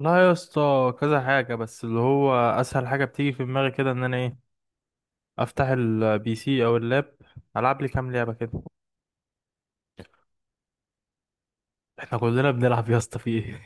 لا يا اسطى، كذا حاجة، بس اللي هو أسهل حاجة بتيجي في دماغي كده إن أنا إيه، أفتح البي سي أو اللاب، ألعب لي كام لعبة كده. إحنا كلنا بنلعب يا اسطى، في إيه؟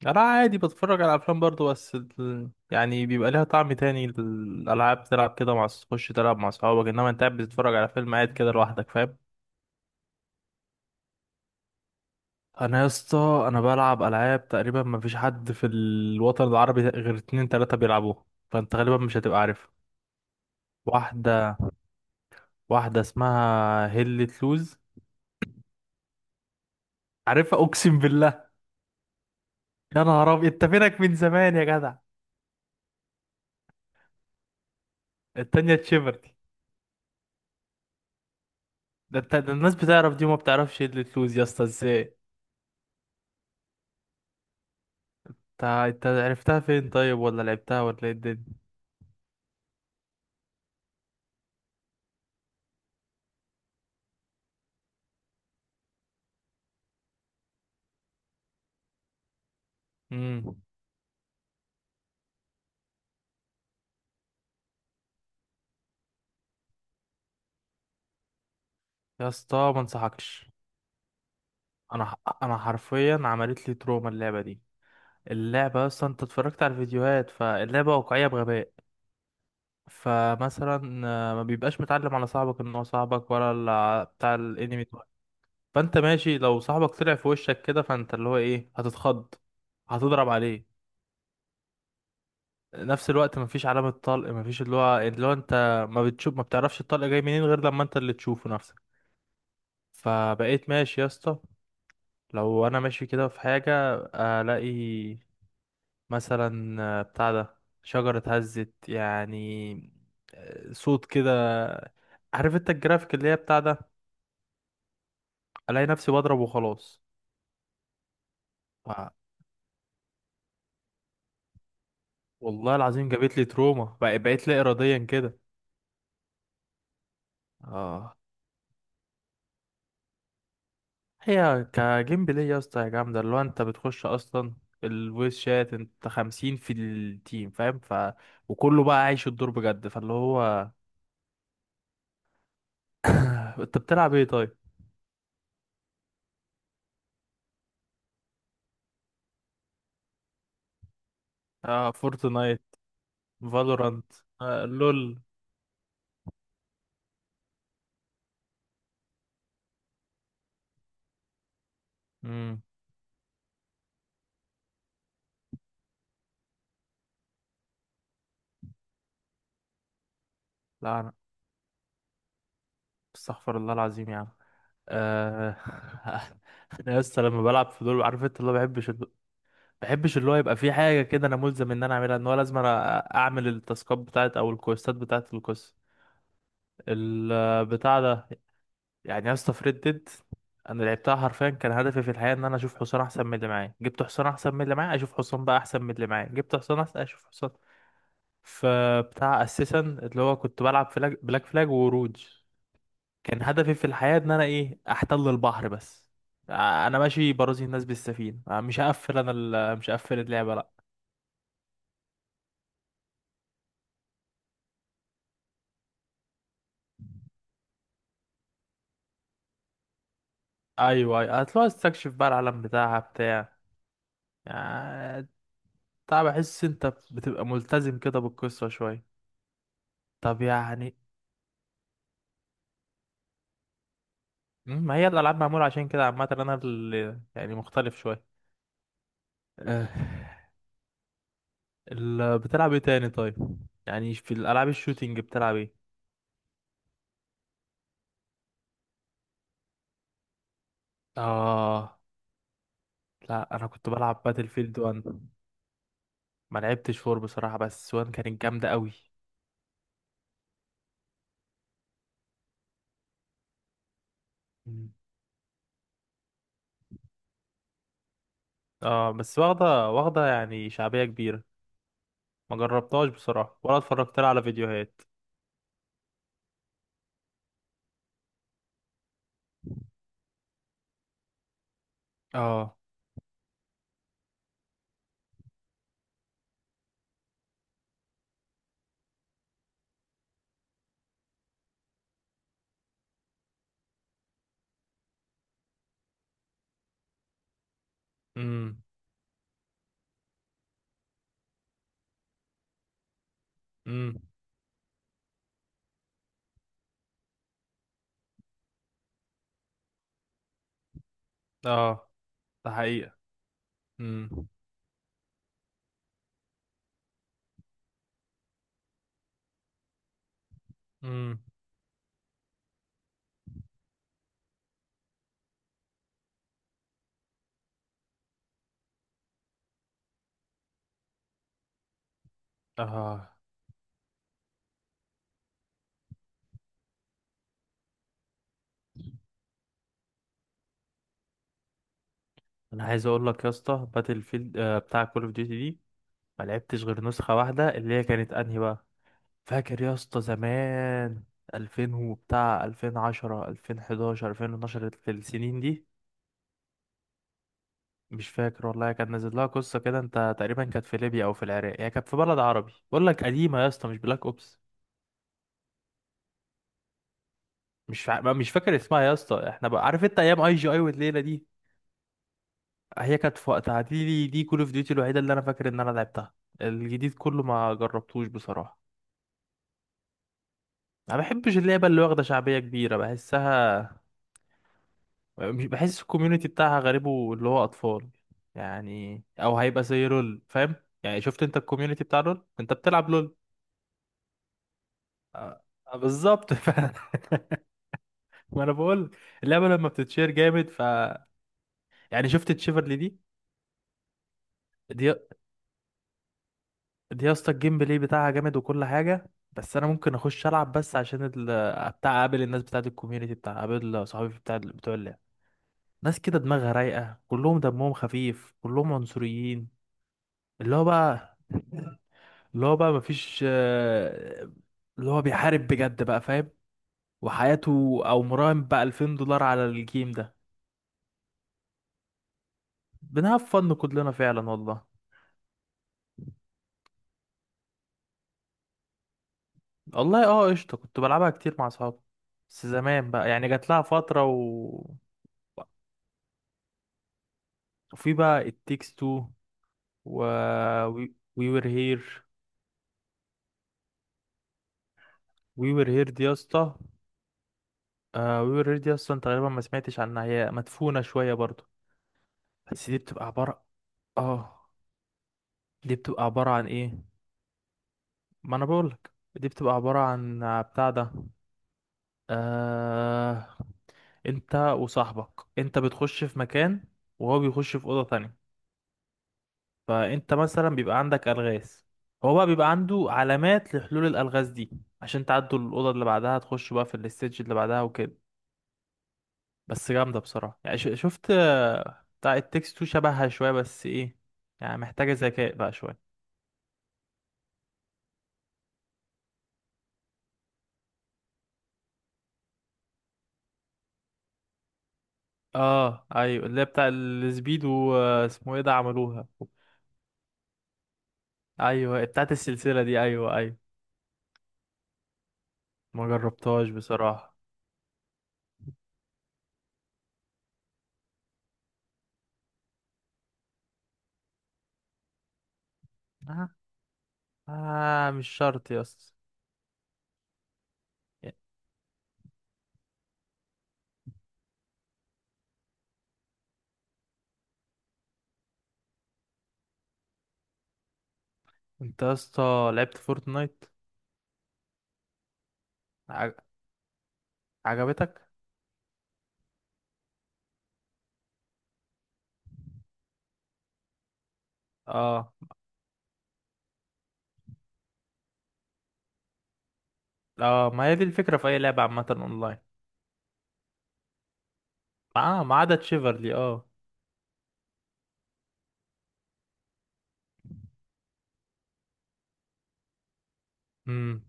أنا عادي بتفرج على أفلام برضه، بس يعني بيبقى ليها طعم تاني الألعاب، تلعب كده مع تخش تلعب مع صحابك، إنما أنت قاعد بتتفرج على فيلم قاعد كده لوحدك، فاهم؟ أنا يا اسطى أنا بلعب ألعاب تقريبا مفيش حد في الوطن العربي غير اتنين تلاتة بيلعبوها، فأنت غالبا مش هتبقى عارف. واحدة واحدة اسمها هيل لوز. عارفها، اقسم بالله. يا نهار ابيض، انت فينك من زمان يا جدع؟ التانية تشيفرتي. ده انت، ده الناس بتعرف دي وما بتعرفش ايه اللي تلوز يا اسطى ازاي؟ انت عرفتها فين طيب، ولا لعبتها، ولا ايه الدنيا؟ امم يا اسطى ما انصحكش. انا ح- انا حرفيا عملت لي تروما اللعبه دي. اللعبه اصلا انت اتفرجت على الفيديوهات، فاللعبه واقعيه بغباء. فمثلا ما بيبقاش متعلم على صاحبك ان هو صاحبك ولا بتاع الانمي. فانت ماشي، لو صاحبك طلع في وشك كده فانت اللي هو ايه، هتتخض، هتضرب عليه. نفس الوقت مفيش علامة طلق، مفيش اللي هو انت ما بتشوف، ما بتعرفش الطلق جاي منين غير لما انت اللي تشوفه نفسك. فبقيت ماشي يا اسطى، لو انا ماشي كده في حاجة، الاقي مثلا بتاع ده، شجرة اتهزت يعني، صوت كده، عارف انت الجرافيك اللي هي بتاع ده، الاقي نفسي بضرب وخلاص. ف- والله العظيم جابت لي تروما، بقيت لا اراديا كده. اه. هي كجيم بلاي يا اسطى يا جامدة، اللي هو انت بتخش اصلا الفويس شات انت خمسين في التيم، فاهم؟ ف وكله بقى عايش الدور بجد، فاللي هو. انت بتلعب ايه طيب؟ اه فورتنايت، فالورانت. آه لول. امم لا انا، استغفر الله العظيم يا عم. آه... انا يا اسطى لما بلعب في دول، عارف انت اللي هو بحبش اللي هو يبقى في حاجه كده انا ملزم ان انا اعملها، ان هو لازم انا اعمل التاسكات بتاعت او الكويستات بتاعت القصه، البتاع ده. يعني يا اسطى في ريد ديد، انا لعبتها حرفيا كان هدفي في الحياه ان انا اشوف حصان احسن من اللي معايا، جبت حصان احسن من اللي معايا، اشوف حصان بقى احسن من اللي معايا، جبت حصان احسن، اشوف حصان. فبتاع اساسا اللي هو كنت بلعب فلاج، بلاك فلاج وروج، كان هدفي في الحياه ان انا ايه، احتل البحر بس. انا ماشي برازي الناس بالسفينه، مش هقفل انا مش هقفل اللعبه، لا. ايوه ايوه، هتلاقي استكشف بقى العالم بتاعها، بتاع يعني، بتاع بحس انت بتبقى ملتزم كده بالقصه شويه. طب يعني، ما هي الألعاب معمولة عشان كده عامة، أنا اللي يعني مختلف شوية. آه، بتلعب ايه تاني طيب؟ يعني في الألعاب الشوتينج بتلعب ايه؟ آه. لا أنا كنت بلعب باتل فيلد 1. ما لعبتش 4 بصراحة، بس 1 كانت جامدة قوي. مم. اه بس واخدة واخدة يعني شعبية كبيرة، ما جربتهاش بصراحة ولا اتفرجت لها على فيديوهات. اه. امم. امم. اه. ده حقيقة. امم. امم. اه. انا عايز اقول لك يا اسطى باتل فيلد، بتاع كول اوف ديوتي دي ما لعبتش غير نسخه واحده، اللي هي كانت انهي بقى؟ فاكر يا اسطى زمان 2000 وبتاع، 2010 2011 2012، السنين دي؟ مش فاكر والله، كان نازل لها قصه كده انت، تقريبا كانت في ليبيا او في العراق، هي كانت في بلد عربي، بقول لك قديمه يا اسطى، مش بلاك اوبس. مش فا... ما- مش فاكر اسمها يا اسطى، احنا بقى عارف انت ايام اي جي اي والليله دي. هي كانت في وقتها، دي كول اوف ديوتي الوحيده اللي انا فاكر ان انا لعبتها. الجديد كله ما جربتوش بصراحه. ما بحبش اللعبة اللي واخدة شعبية كبيرة، بحسها، مش بحس الكوميونتي بتاعها غريبه، اللي هو أطفال يعني، أو هيبقى زي لول، فاهم؟ يعني شفت أنت الكوميونتي بتاع لول، أنت بتلعب لول. آه، بالظبط. ما أنا بقول، اللعبة لما بتتشير جامد ف، يعني شفت تشيفرلي دي؟ دي، دي يا اسطى الجيم بلاي بتاعها جامد وكل حاجة، بس أنا ممكن أخش ألعب بس عشان بتاع أقابل الناس بتاعت الكوميونتي، بتاع أقابل صحابي بتاع بتوع اللعبة. ناس كده دماغها رايقة، كلهم دمهم خفيف، كلهم عنصريين، اللي هو بقى اللي هو بقى مفيش اللي هو بيحارب بجد بقى، فاهم؟ وحياته، او مراهن بقى 2000 دولار على الجيم ده. بنهاف فن كلنا فعلا والله. والله اه قشطة، كنت بلعبها كتير مع اصحابي، بس زمان بقى يعني جات لها فترة وفي بقى التيكس تو، و وي وير هير. وي وير هير دي يا اسطى، وي وير هير دي اصلا تقريبا ما سمعتش عنها، هي مدفونة شوية برضو. بس دي بتبقى عبارة، اه. دي بتبقى عبارة عن ايه؟ ما انا بقولك دي بتبقى عبارة عن بتاع ده، آه... انت وصاحبك، انت بتخش في مكان وهو بيخش في أوضة تانية، فانت مثلا بيبقى عندك ألغاز، هو بقى بيبقى عنده علامات لحلول الألغاز دي، عشان تعدوا الأوضة اللي بعدها تخشوا بقى في الاستيج اللي بعدها وكده. بس جامدة بصراحة، يعني شفت بتاع التكست تو شبهها شوية، بس ايه، يعني محتاجة ذكاء بقى شوية. اه ايوه، اللي هي بتاع السبيد واسمه ايه ده، عملوها. ايوه بتاعت السلسله دي، ايوه ايوه. ما جربتهاش بصراحه. آه. آه مش شرط يا اسطى. انت يا اسطى لعبت فورتنايت؟ عج... عجبتك؟ اه. اه ما هي دي الفكره في اي لعبه عامه اونلاين. اه ما عدا تشيفرلي، اه. امم.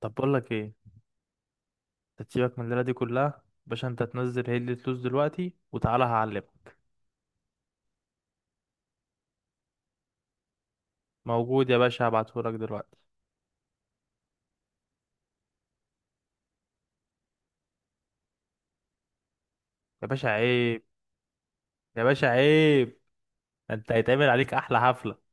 طب بقول لك ايه، أنت تسيبك من الليله دي كلها باشا، انت تنزل هي اللي فلوس دلوقتي وتعالى هعلمك. موجود يا باشا، هبعتهولك دلوقتي. يا باشا عيب، يا باشا عيب، انت هيتعمل عليك احلى حفلة.